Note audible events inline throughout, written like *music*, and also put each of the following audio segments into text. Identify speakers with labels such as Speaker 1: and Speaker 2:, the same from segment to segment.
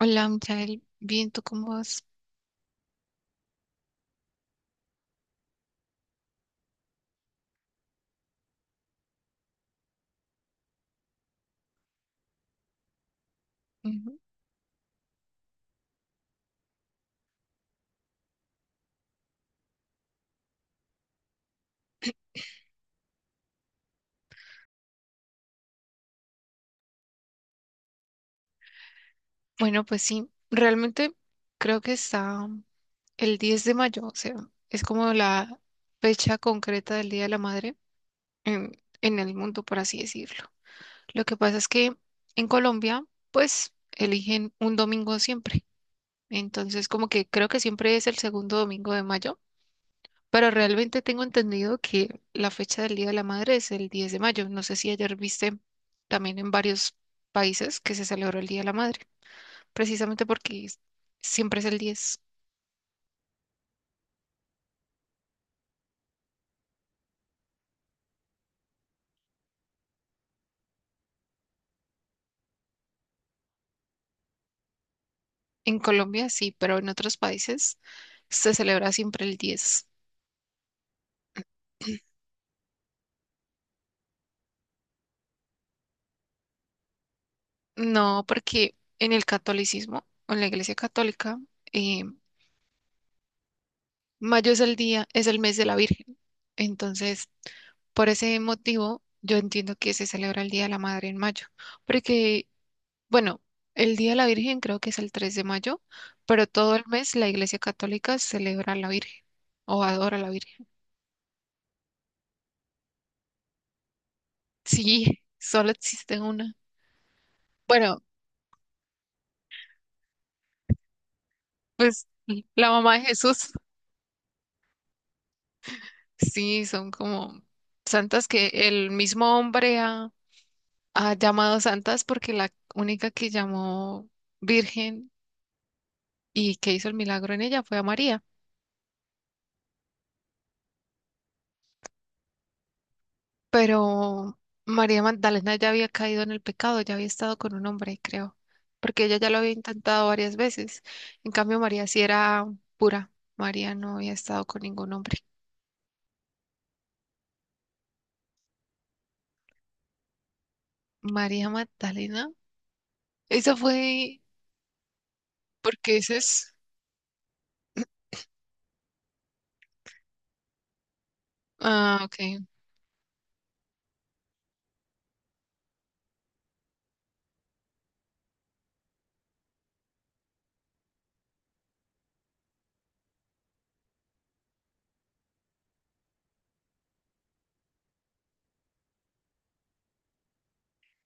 Speaker 1: Hola, Michael. Bien, ¿tú cómo vas? Ujú. Bueno, pues sí, realmente creo que está el 10 de mayo, o sea, es como la fecha concreta del Día de la Madre en, en el mundo, por así decirlo. Lo que pasa es que en Colombia, pues, eligen un domingo siempre. Entonces, como que creo que siempre es el segundo domingo de mayo. Pero realmente tengo entendido que la fecha del Día de la Madre es el 10 de mayo. No sé si ayer viste también en varios países que se celebró el Día de la Madre, precisamente porque siempre es el 10. En Colombia sí, pero en otros países se celebra siempre el 10. No, porque en el catolicismo o en la Iglesia Católica, eh, mayo es el día, es el mes de la Virgen. Entonces, por ese motivo, yo entiendo que se celebra el Día de la Madre en mayo, porque bueno, el Día de la Virgen creo que es el 3 de mayo, pero todo el mes la Iglesia Católica celebra a la Virgen o adora a la Virgen. Sí, *laughs* solo existe una. Bueno, pues la mamá de Jesús, sí, son como santas que el mismo hombre ha llamado santas porque la única que llamó Virgen y que hizo el milagro en ella fue a María. Pero María Magdalena ya había caído en el pecado, ya había estado con un hombre, creo, porque ella ya lo había intentado varias veces. En cambio, María sí era pura. María no había estado con ningún hombre. María Magdalena, esa fue porque ese es. Ah, ok.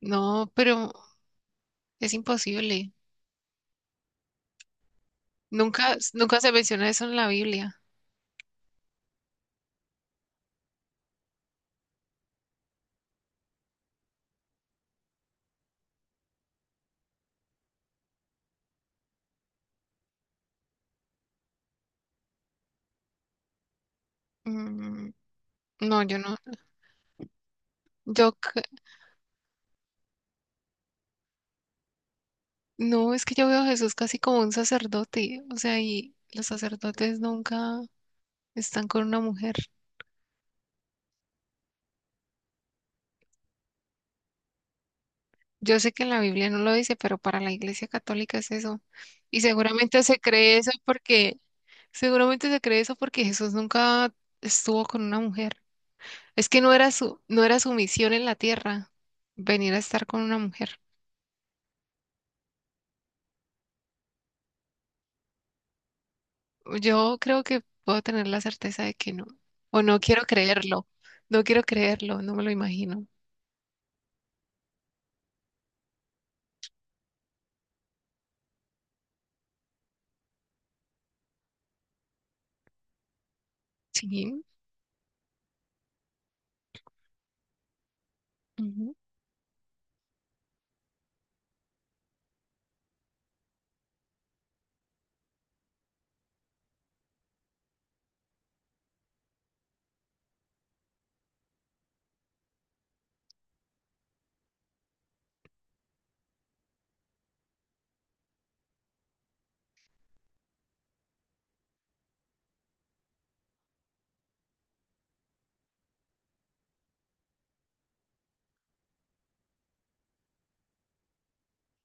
Speaker 1: No, pero es imposible. Nunca, nunca se menciona eso en la Biblia. Mm, no, yo no. Yo c- no, es que yo veo a Jesús casi como un sacerdote, o sea, y los sacerdotes nunca están con una mujer. Yo sé que en la Biblia no lo dice, pero para la Iglesia Católica es eso. Y seguramente se cree eso porque Jesús nunca estuvo con una mujer. Es que no era su misión en la tierra venir a estar con una mujer. Yo creo que puedo tener la certeza de que no. O no quiero creerlo. No quiero creerlo, no me lo imagino. Sí. Ujú.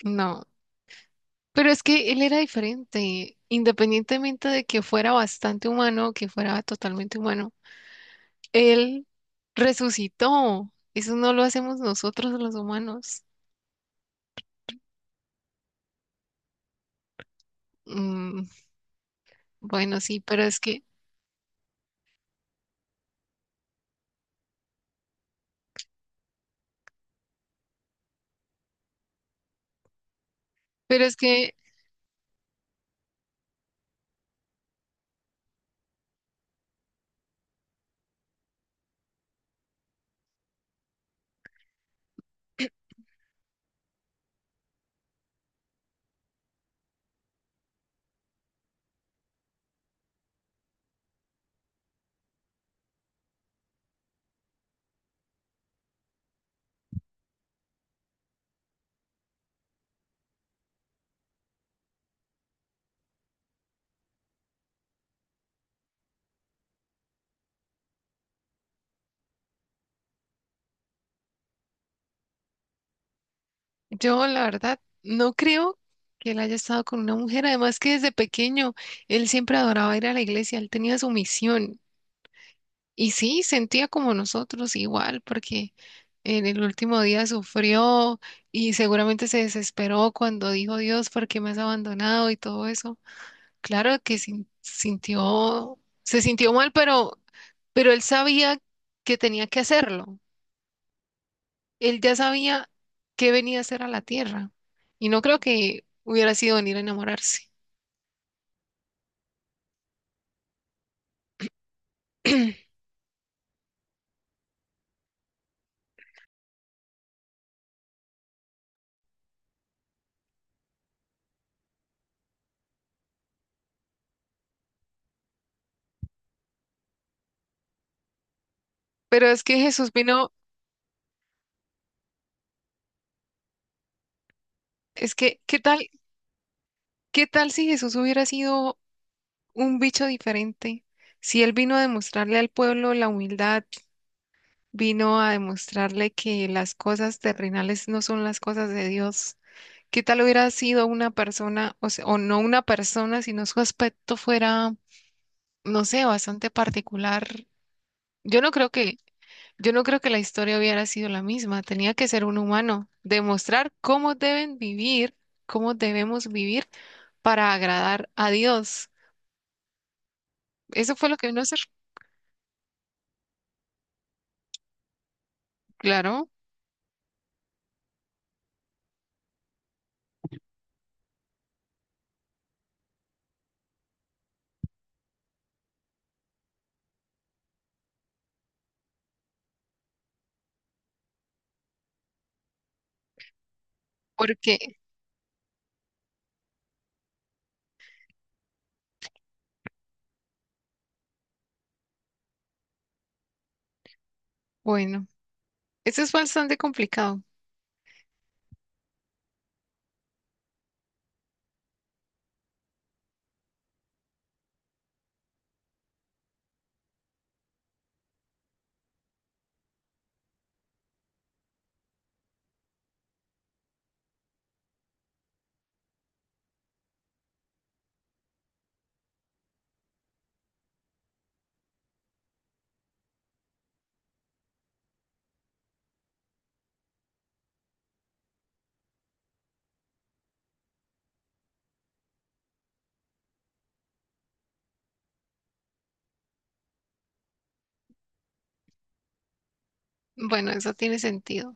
Speaker 1: No. Pero es que él era diferente, independientemente de que fuera bastante humano, que fuera totalmente humano. Él resucitó. Eso no lo hacemos nosotros los humanos. Mm, bueno, sí, pero es que yo la verdad no creo que él haya estado con una mujer. Además que desde pequeño él siempre adoraba ir a la iglesia. Él tenía su misión. Y sí, sentía como nosotros igual, porque en el último día sufrió y seguramente se desesperó cuando dijo Dios, ¿por qué me has abandonado? Y todo eso. Claro que sintió, se sintió mal, pero él sabía que tenía que hacerlo. Él ya sabía qué venía a hacer a la tierra. Y no creo que hubiera sido venir a enamorarse. Pero es que Jesús vino, es que, ¿qué tal? ¿Qué tal si Jesús hubiera sido un bicho diferente? Si él vino a demostrarle al pueblo la humildad, vino a demostrarle que las cosas terrenales no son las cosas de Dios. ¿Qué tal hubiera sido una persona, o sea, o no una persona, sino su aspecto fuera, no sé, bastante particular? Yo no creo que, yo no creo que la historia hubiera sido la misma. Tenía que ser un humano, demostrar cómo deben vivir, cómo debemos vivir para agradar a Dios. Eso fue lo que vino a hacer, claro, porque bueno, eso es bastante complicado. Bueno, eso tiene sentido.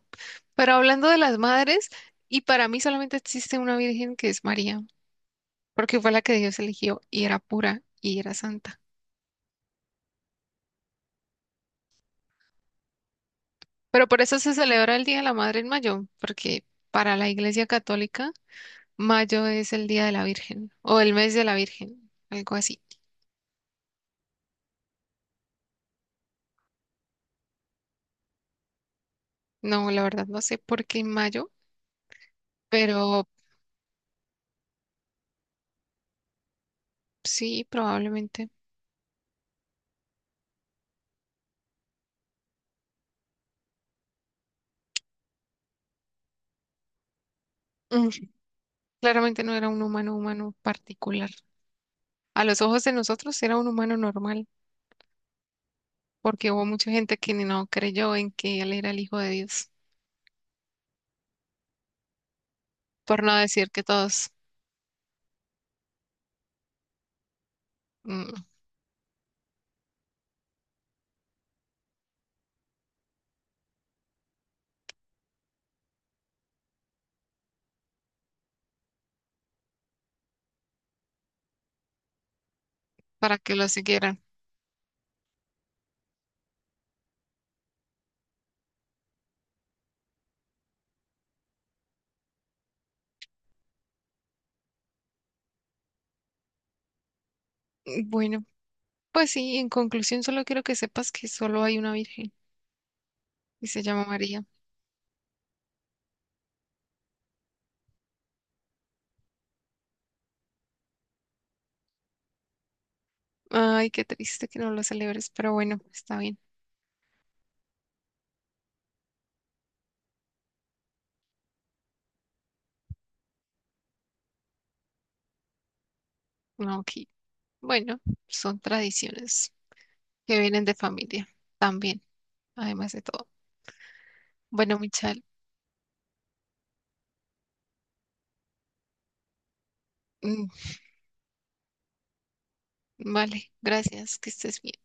Speaker 1: Pero hablando de las madres, y para mí solamente existe una virgen que es María, porque fue la que Dios eligió y era pura y era santa. Pero por eso se celebra el Día de la Madre en mayo, porque para la Iglesia Católica, mayo es el Día de la Virgen o el mes de la Virgen, algo así. No, la verdad no sé por qué en mayo, pero sí, probablemente. Mm, claramente no era un humano humano particular. A los ojos de nosotros era un humano normal, porque hubo mucha gente que ni no creyó en que él era el Hijo de Dios, por no decir que todos, mm, para que lo siguieran. Bueno, pues sí, en conclusión solo quiero que sepas que solo hay una virgen y se llama María. Ay, qué triste que no lo celebres, pero bueno, está bien. No, ok. Bueno, son tradiciones que vienen de familia también, además de todo. Bueno, Michal, mm, vale, gracias, que estés bien.